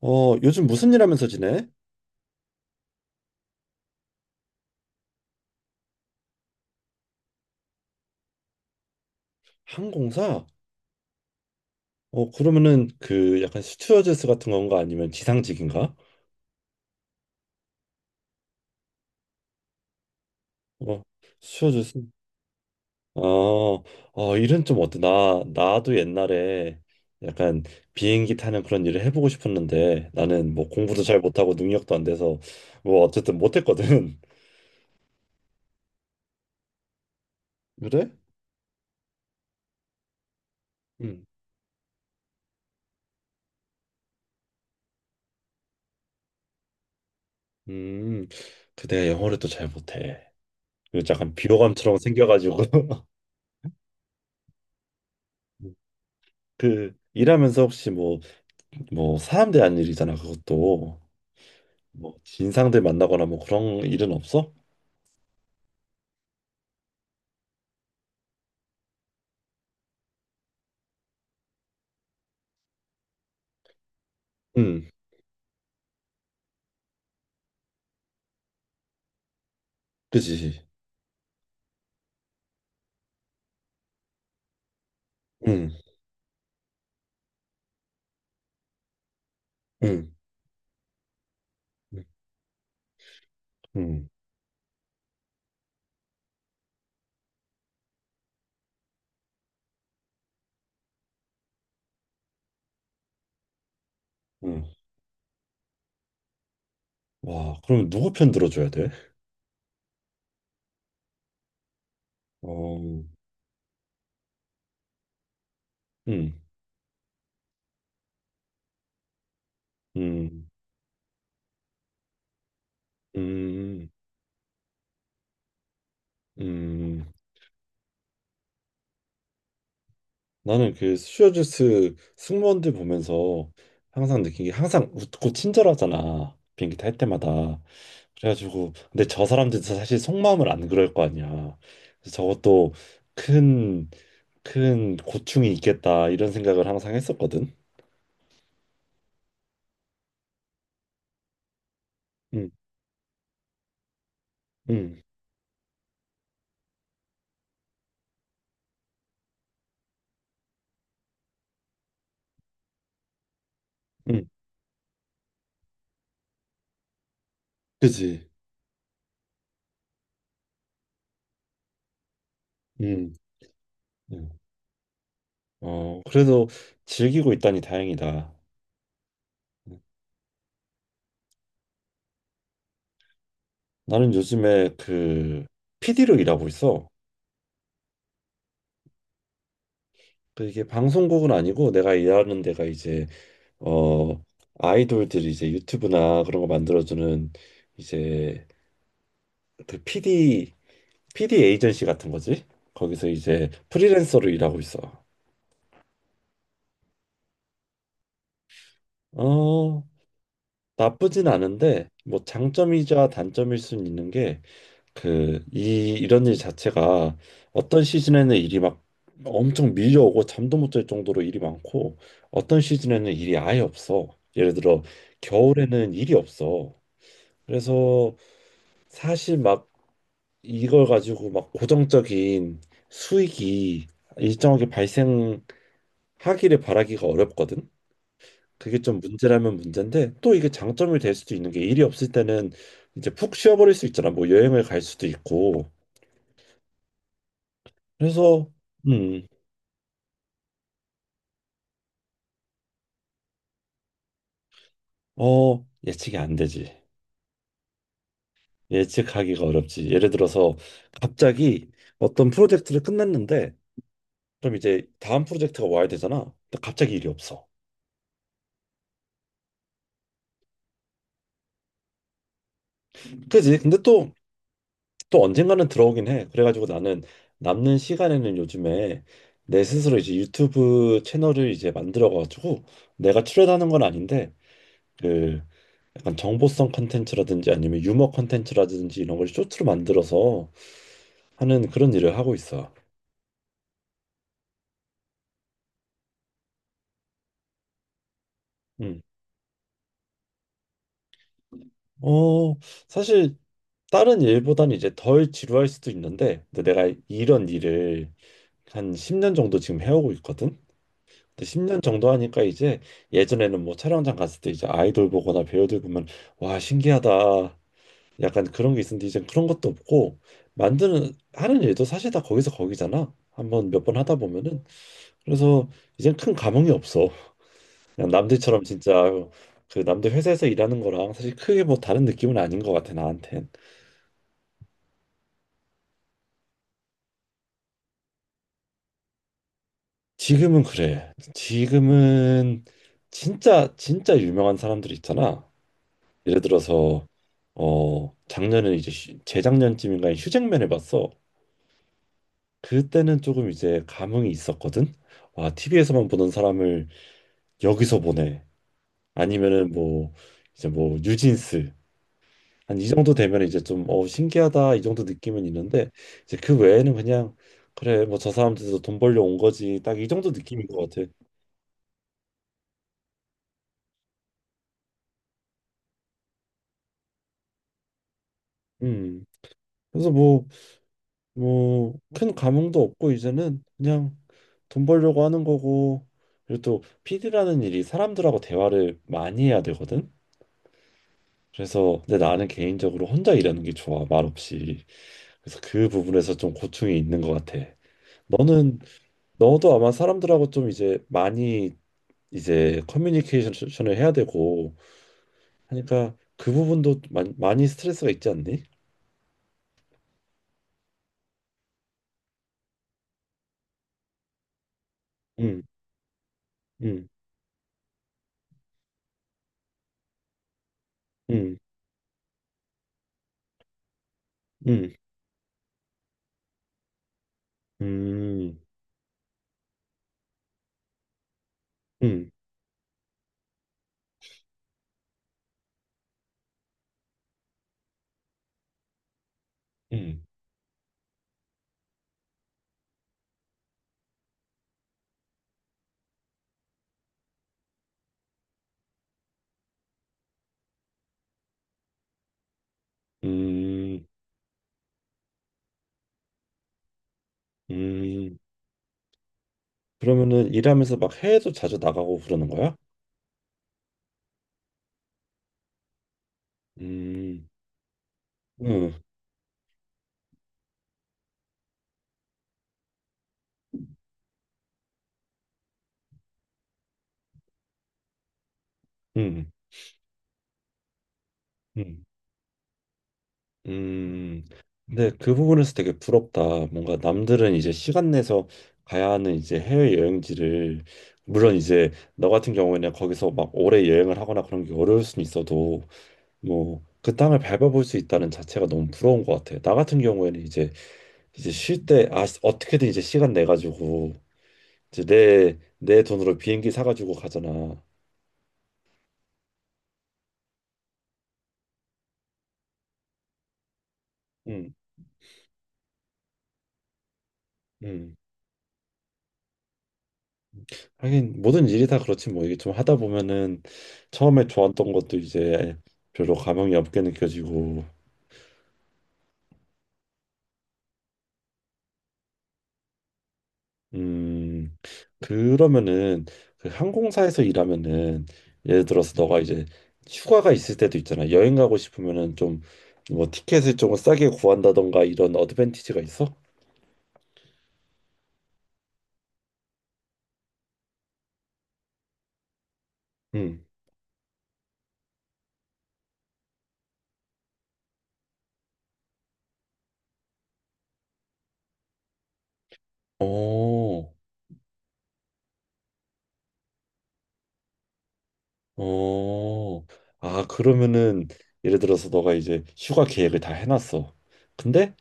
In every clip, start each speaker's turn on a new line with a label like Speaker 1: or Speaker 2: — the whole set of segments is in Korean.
Speaker 1: 요즘 무슨 일 하면서 지내? 항공사? 그러면은 그 약간 스튜어디스 같은 건가 아니면 지상직인가? 어, 스튜어디스? 어, 일은 좀 어때? 나도 옛날에 약간 비행기 타는 그런 일을 해보고 싶었는데 나는 뭐 공부도 잘 못하고 능력도 안 돼서 뭐 어쨌든 못했거든. 그래? 음. 음. 그 내가 영어를 또 잘 못해. 그 약간 비호감처럼 생겨가지고 그 일하면서 혹시 뭐 사람 대한 일이잖아 그것도. 뭐 진상들 만나거나 뭐 그런 일은 없어? 응. 그지. 응응응응와. 그럼 누구 편 들어줘야 돼? 어. 응, 응, 응, 응. 나는 그 스튜어디스 승무원들 보면서 항상 느낀 게 항상 웃고 친절하잖아, 비행기 탈 때마다. 그래가지고 근데 저 사람들도 사실 속마음을 안 그럴 거 아니야. 그래서 저것도 큰 큰 고충이 있겠다 이런 생각을 항상 했었거든. 응. 응. 응. 그지. 응. 응. 어, 그래도 즐기고 있다니 다행이다. 나는 요즘에 그 PD로 일하고 있어. 그 이게 방송국은 아니고 내가 일하는 데가 이제 어 아이돌들이 이제 유튜브나 그런 거 만들어주는, 이제 그 PD 에이전시 같은 거지. 거기서 이제 프리랜서로 일하고 있어. 어. 나쁘진 않은데 뭐 장점이자 단점일 순 있는 게, 이런 일 자체가 어떤 시즌에는 일이 막 엄청 밀려오고 잠도 못 잘 정도로 일이 많고, 어떤 시즌에는 일이 아예 없어. 예를 들어 겨울에는 일이 없어. 그래서 사실 막 이걸 가지고 막 고정적인 수익이 일정하게 발생하기를 바라기가 어렵거든. 그게 좀 문제라면 문제인데, 또 이게 장점이 될 수도 있는 게 일이 없을 때는 이제 푹 쉬어버릴 수 있잖아. 뭐 여행을 갈 수도 있고. 그래서. 음. 어, 예측이 안 되지. 예측하기가 어렵지. 예를 들어서 갑자기 어떤 프로젝트를 끝냈는데 그럼 이제 다음 프로젝트가 와야 되잖아. 근데 갑자기 일이 없어. 그지? 근데 또 언젠가는 들어오긴 해. 그래가지고 나는 남는 시간에는 요즘에 내 스스로 이제 유튜브 채널을 이제 만들어가지고, 내가 출연하는 건 아닌데 그 약간 정보성 컨텐츠라든지 아니면 유머 컨텐츠라든지 이런 걸 쇼트로 만들어서 하는 그런 일을 하고 있어. 음. 어, 사실 다른 일보다는 이제 덜 지루할 수도 있는데, 근데 내가 이런 일을 한 10년 정도 지금 해오고 있거든. 근데 10년 정도 하니까 이제 예전에는 뭐 촬영장 갔을 때 이제 아이돌 보거나 배우들 보면 와 신기하다 약간 그런 게 있었는데, 이제 그런 것도 없고 만드는 하는 일도 사실 다 거기서 거기잖아, 한번 몇 번 하다 보면은. 그래서 이제 큰 감흥이 없어. 그냥 남들처럼 진짜 그 남들 회사에서 일하는 거랑 사실 크게 뭐 다른 느낌은 아닌 것 같아 나한테. 지금은 그래. 지금은 진짜 진짜 유명한 사람들이 있잖아. 예를 들어서 작년에 이제 재작년쯤인가 휴잭맨을 봤어. 그때는 조금 이제 감흥이 있었거든. 와, TV에서만 보던 사람을 여기서 보네. 아니면은 뭐 이제 뭐 뉴진스 한 이 정도 되면 이제 좀 신기하다 이 정도 느낌은 있는데, 이제 그 외에는 그냥 그래 뭐 저 사람들도 돈 벌려 온 거지 딱 이 정도 느낌인 것 같아. 음. 그래서 뭐 큰 감흥도 없고 이제는 그냥 돈 벌려고 하는 거고, 그리고 또 PD라는 일이 사람들하고 대화를 많이 해야 되거든. 그래서 근데 나는 개인적으로 혼자 일하는 게 좋아, 말없이. 그래서 그 부분에서 좀 고충이 있는 것 같아. 너는 너도 아마 사람들하고 좀 이제 많이 이제 커뮤니케이션을 해야 되고 하니까, 그 부분도 많이, 많이 스트레스가 있지 않니? 음. 음. 음. 음. 음. 음. 음. 음. 음. 그러면은 일하면서 막 해외도 자주 나가고 그러는 거야? 음. 음. 음. 음. 음. 근데 그 부분에서 되게 부럽다. 뭔가 남들은 이제 시간 내서 가야 하는 이제 해외 여행지를, 물론 이제 너 같은 경우에는 거기서 막 오래 여행을 하거나 그런 게 어려울 수는 있어도 뭐 그 땅을 밟아볼 수 있다는 자체가 너무 부러운 것 같아. 나 같은 경우에는 이제 쉴 때 아 어떻게든 이제 시간 내 가지고 이제 내 돈으로 비행기 사가지고 가잖아. 음. 음. 하긴 모든 일이 다 그렇지 뭐, 이게 좀 하다 보면은 처음에 좋았던 것도 이제 별로 감흥이 없게 느껴지고. 음. 그러면은 그 항공사에서 일하면은 예를 들어서 너가 이제 휴가가 있을 때도 있잖아, 여행 가고 싶으면은 좀 뭐 티켓을 조금 싸게 구한다던가 이런 어드밴티지가 있어? 음. 어, 어. 아, 그러면은 예를 들어서 너가 이제 휴가 계획을 다 해놨어. 근데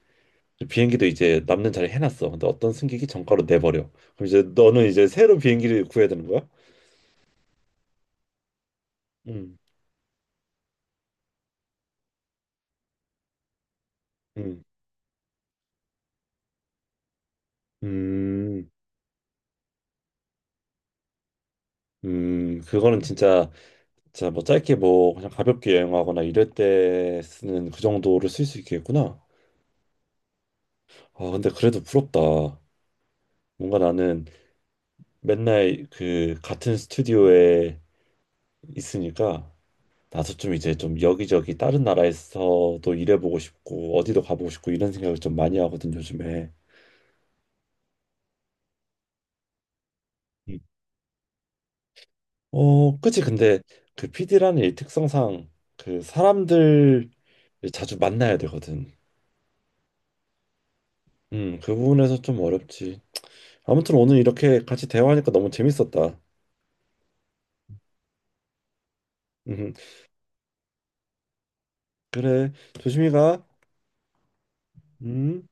Speaker 1: 비행기도 이제 남는 자리 해놨어. 근데 어떤 승객이 정가로 내버려. 그럼 이제 너는 이제 새로 비행기를 구해야 되는 거야? 음. 음. 음. 음. 그거는 진짜, 진짜 뭐 짧게 뭐 그냥 가볍게 여행하거나 이럴 때 쓰는 그 정도를 쓸 수 있겠구나. 아, 근데 그래도 부럽다. 뭔가 나는 맨날 그 같은 스튜디오에 있으니까 나도 좀 이제 좀 여기저기 다른 나라에서도 일해보고 싶고 어디도 가보고 싶고 이런 생각을 좀 많이 하거든, 요즘에. 음. 어, 그치. 근데 그 PD라는 일 특성상 그 사람들 자주 만나야 되거든. 그 부분에서 좀 어렵지. 아무튼 오늘 이렇게 같이 대화하니까 너무 재밌었다. 음. 그래. 조심히 가. 음.